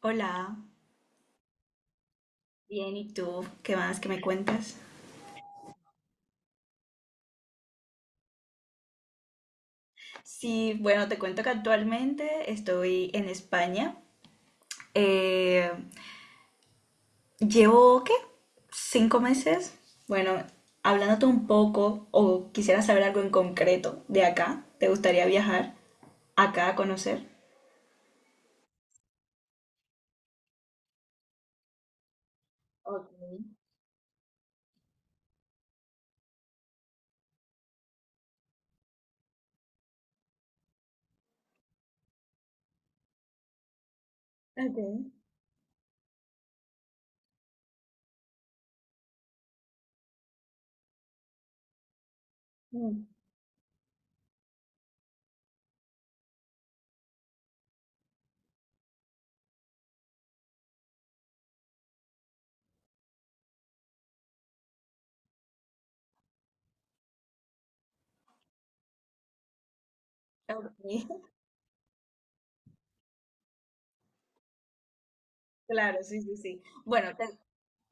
Hola, bien, ¿y tú? ¿Qué más que me cuentas? Sí, bueno, te cuento que actualmente estoy en España. Eh, llevo, ¿qué? ¿Cinco meses? Bueno, hablándote un poco o quisiera saber algo en concreto de acá. ¿Te gustaría viajar acá a conocer? Ok, ok, mm, ok, Claro, sí, sí, sí. Bueno,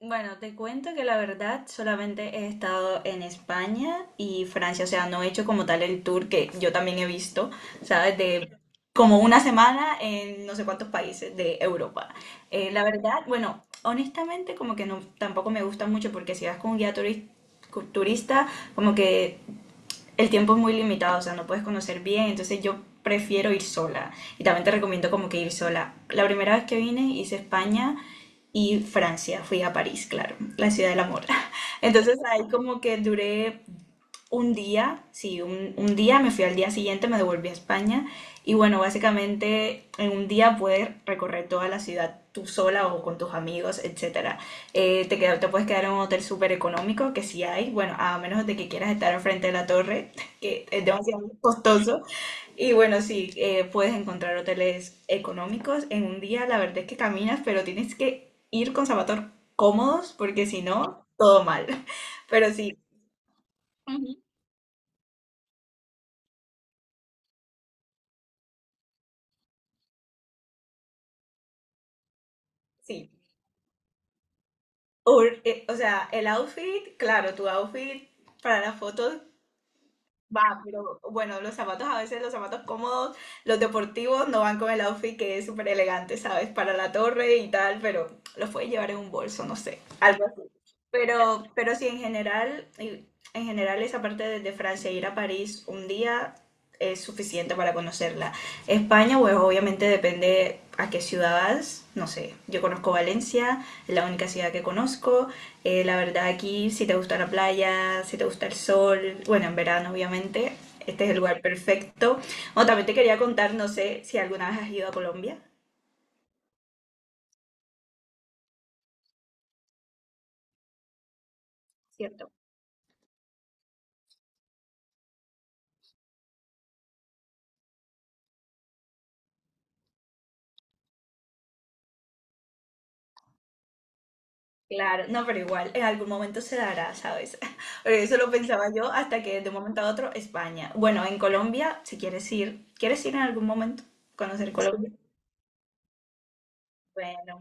Bueno, te cuento que la verdad solamente he estado en España y Francia, o sea, no he hecho como tal el tour que yo también he visto, ¿sabes? De como una semana en no sé cuántos países de Europa. La verdad, bueno, honestamente como que no, tampoco me gusta mucho porque si vas con un turista, como que el tiempo es muy limitado, o sea, no puedes conocer bien, entonces yo prefiero ir sola. Y también te recomiendo como que ir sola. La primera vez que vine hice España y Francia, fui a París, claro, la ciudad del amor. Entonces ahí como que duré un día, sí, un día, me fui al día siguiente, me devolví a España y bueno, básicamente en un día puedes recorrer toda la ciudad tú sola o con tus amigos, etcétera. Te puedes quedar en un hotel súper económico, que sí hay, bueno, a menos de que quieras estar al frente de la torre, que es demasiado costoso. Y bueno, sí, puedes encontrar hoteles económicos. En un día la verdad es que caminas, pero tienes que ir con zapatos cómodos porque si no, todo mal. Pero sí, Ujú. Sí. O sea, el outfit, claro, tu outfit para las fotos va, pero bueno, los zapatos a veces, los zapatos cómodos, los deportivos no van con el outfit que es súper elegante, ¿sabes? Para la torre y tal, pero los puedes llevar en un bolso, no sé, algo así. Pero sí, en general esa parte desde Francia, ir a París un día es suficiente para conocerla. España, pues obviamente depende a qué ciudad vas, no sé, yo conozco Valencia, es la única ciudad que conozco. La verdad aquí si te gusta la playa, si te gusta el sol, bueno, en verano obviamente, este es el lugar perfecto. O también te quería contar, no sé si alguna vez has ido a Colombia, ¿cierto? Claro, no, pero igual, en algún momento se dará, ¿sabes? Porque eso lo pensaba yo hasta que de un momento a otro España. Bueno, en Colombia, si quieres ir, ¿quieres ir en algún momento? Conocer Colombia. Bueno,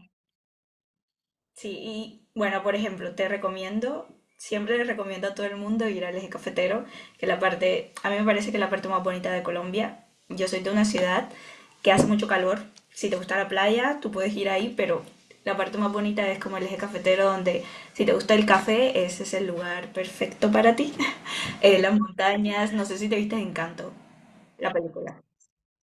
sí, y bueno, por ejemplo, te recomiendo, siempre le recomiendo a todo el mundo ir al Eje Cafetero, que la parte, a mí me parece que es la parte más bonita de Colombia. Yo soy de una ciudad que hace mucho calor. Si te gusta la playa, tú puedes ir ahí, pero la parte más bonita es como el Eje Cafetero, donde si te gusta el café, ese es el lugar perfecto para ti. Las montañas, no sé si te viste Encanto, la película.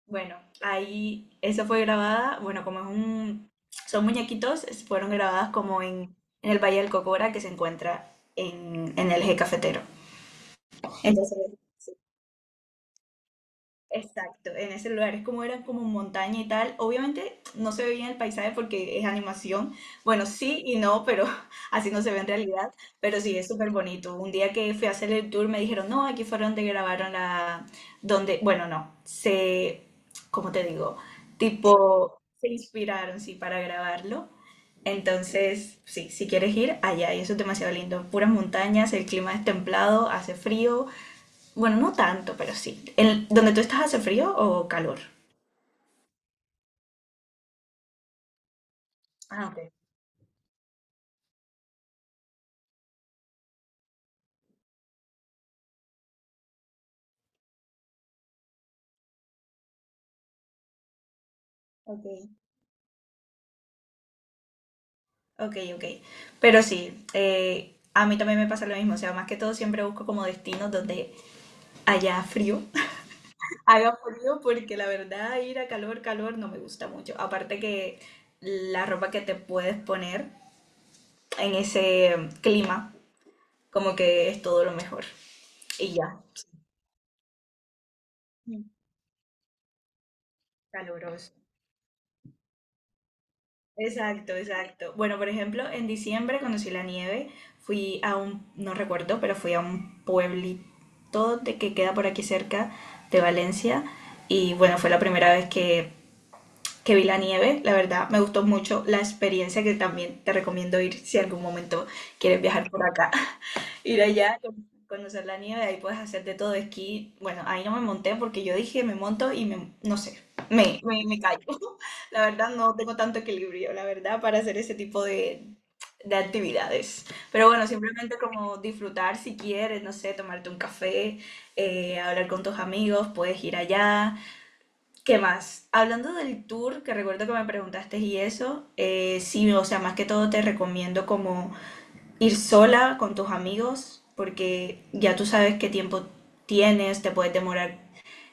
Bueno, ahí eso fue grabada, bueno, son muñequitos, fueron grabadas en el Valle del Cocora que se encuentra en el Eje Cafetero. Entonces exacto, en ese lugar es como eran como montaña y tal. Obviamente no se ve bien el paisaje porque es animación. Bueno, sí y no, pero así no se ve en realidad. Pero sí es súper bonito. Un día que fui a hacer el tour me dijeron, no, aquí fueron donde grabaron la, donde, bueno, no, se, ¿cómo te digo? Tipo, se inspiraron, sí, para grabarlo. Entonces, sí, si quieres ir allá, y eso es demasiado lindo. Puras montañas, el clima es templado, hace frío, bueno, no tanto, pero sí. ¿En donde tú estás hace frío o calor? Ah, ok. Ok. Ok, ok. Pero sí, a mí también me pasa lo mismo. O sea, más que todo siempre busco como destinos donde haya frío, haga frío, porque la verdad ir a calor, calor no me gusta mucho. Aparte que la ropa que te puedes poner en ese clima, como que es todo lo mejor. Y ya. Mm. Caluroso. Exacto, exacto. Bueno, por ejemplo, en diciembre conocí la nieve, fui a un, no recuerdo, pero fui a un pueblito de que queda por aquí cerca de Valencia y bueno, fue la primera vez que vi la nieve, la verdad me gustó mucho la experiencia que también te recomiendo ir si algún momento quieres viajar por acá. Ir allá, conocer la nieve, ahí puedes hacer de todo esquí. Bueno, ahí no me monté porque yo dije, me monto y me, no sé, me caigo. La verdad, no tengo tanto equilibrio, la verdad, para hacer ese tipo de actividades. Pero bueno, simplemente como disfrutar si quieres, no sé, tomarte un café, hablar con tus amigos, puedes ir allá. ¿Qué más? Hablando del tour, que recuerdo que me preguntaste y eso, sí, o sea, más que todo te recomiendo como ir sola con tus amigos, porque ya tú sabes qué tiempo tienes, te puedes demorar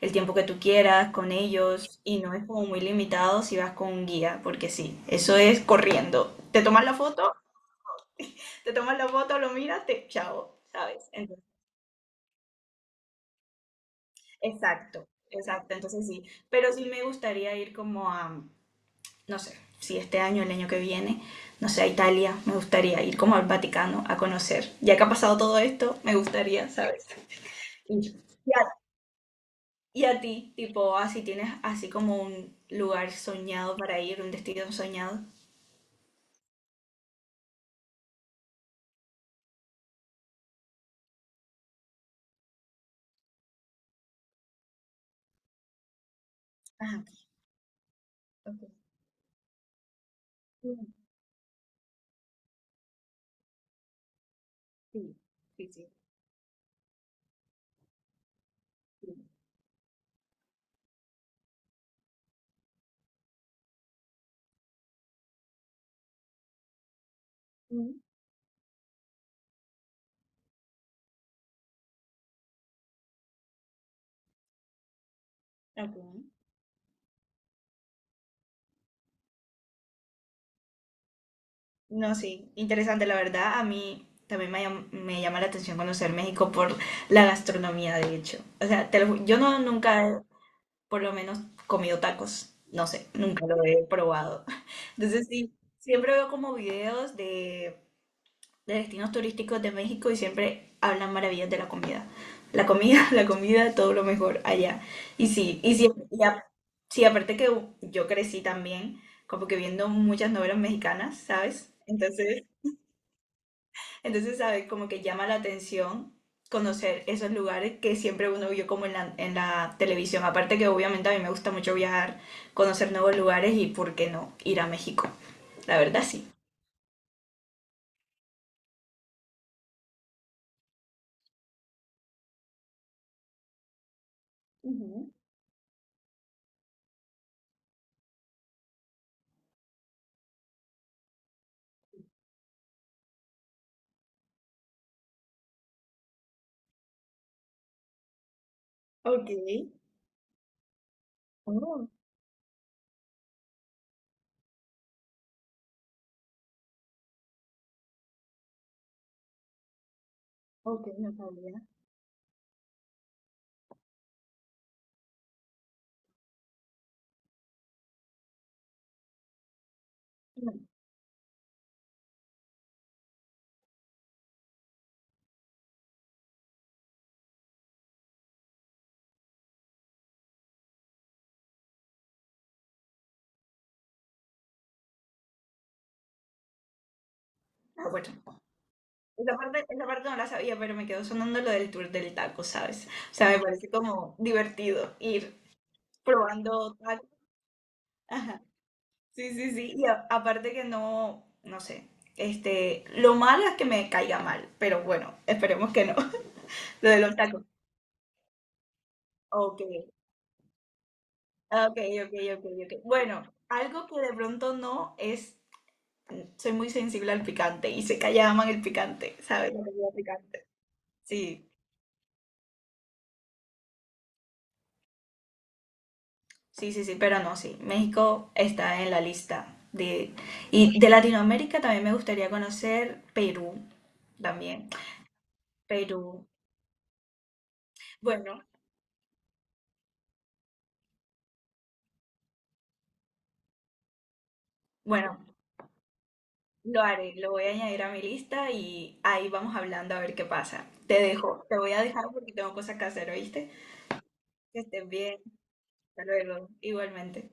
el tiempo que tú quieras con ellos y no es como muy limitado si vas con un guía, porque sí, eso es corriendo. Te tomas la foto, te tomas la foto, lo miras, te chao, ¿sabes? Entonces, exacto, exacto, entonces sí, pero sí me gustaría ir como a, no sé, si este año, el año que viene, no sé, a Italia, me gustaría ir como al Vaticano a conocer. Ya que ha pasado todo esto, me gustaría, ¿sabes? Y- Y a, y a ti, tipo, así tienes así como un lugar soñado para ir, un destino soñado. Ah, ok. Mm, sí, sí, sí. Sí. Mm, ok. No, sí, interesante, la verdad. A mí también me llama la atención conocer México por la gastronomía, de hecho. O sea, yo no nunca he, por lo menos, comido tacos. No sé, nunca lo he probado. Entonces, sí, siempre veo como videos de destinos turísticos de México y siempre hablan maravillas de la comida. La comida, la comida, todo lo mejor allá. Y sí, y sí, y a- sí, aparte que yo crecí también, como que viendo muchas novelas mexicanas, ¿sabes? Entonces, ¿sabes? Como que llama la atención conocer esos lugares que siempre uno vio como en la televisión. Aparte que obviamente a mí me gusta mucho viajar, conocer nuevos lugares y, ¿por qué no?, ir a México. La verdad, sí. Ujú. Ok. Oh, ok, no sabía. Mm, ah, bueno. Esa parte no la sabía, pero me quedó sonando lo del tour del taco, ¿sabes? O sea, me parece como divertido ir probando tacos. Ajá. Sí, sí, sí. Aparte que no, no sé, este, lo malo es que me caiga mal, pero bueno, esperemos que no. Lo de los tacos. Ok, ok, ok, ok, ok. Bueno, algo que de pronto no es, soy muy sensible al picante y se que allá aman el picante, ¿sabes? La comida picante. Sí. Sí, sí, sí, pero no, sí. México está en la lista de... Y de Latinoamérica también me gustaría conocer Perú, también. Perú. Bueno, bueno, lo haré, lo voy a añadir a mi lista y ahí vamos hablando a ver qué pasa. Te dejo, te voy a dejar porque tengo cosas que hacer, ¿oíste? Que estés bien. Hasta luego. Igualmente.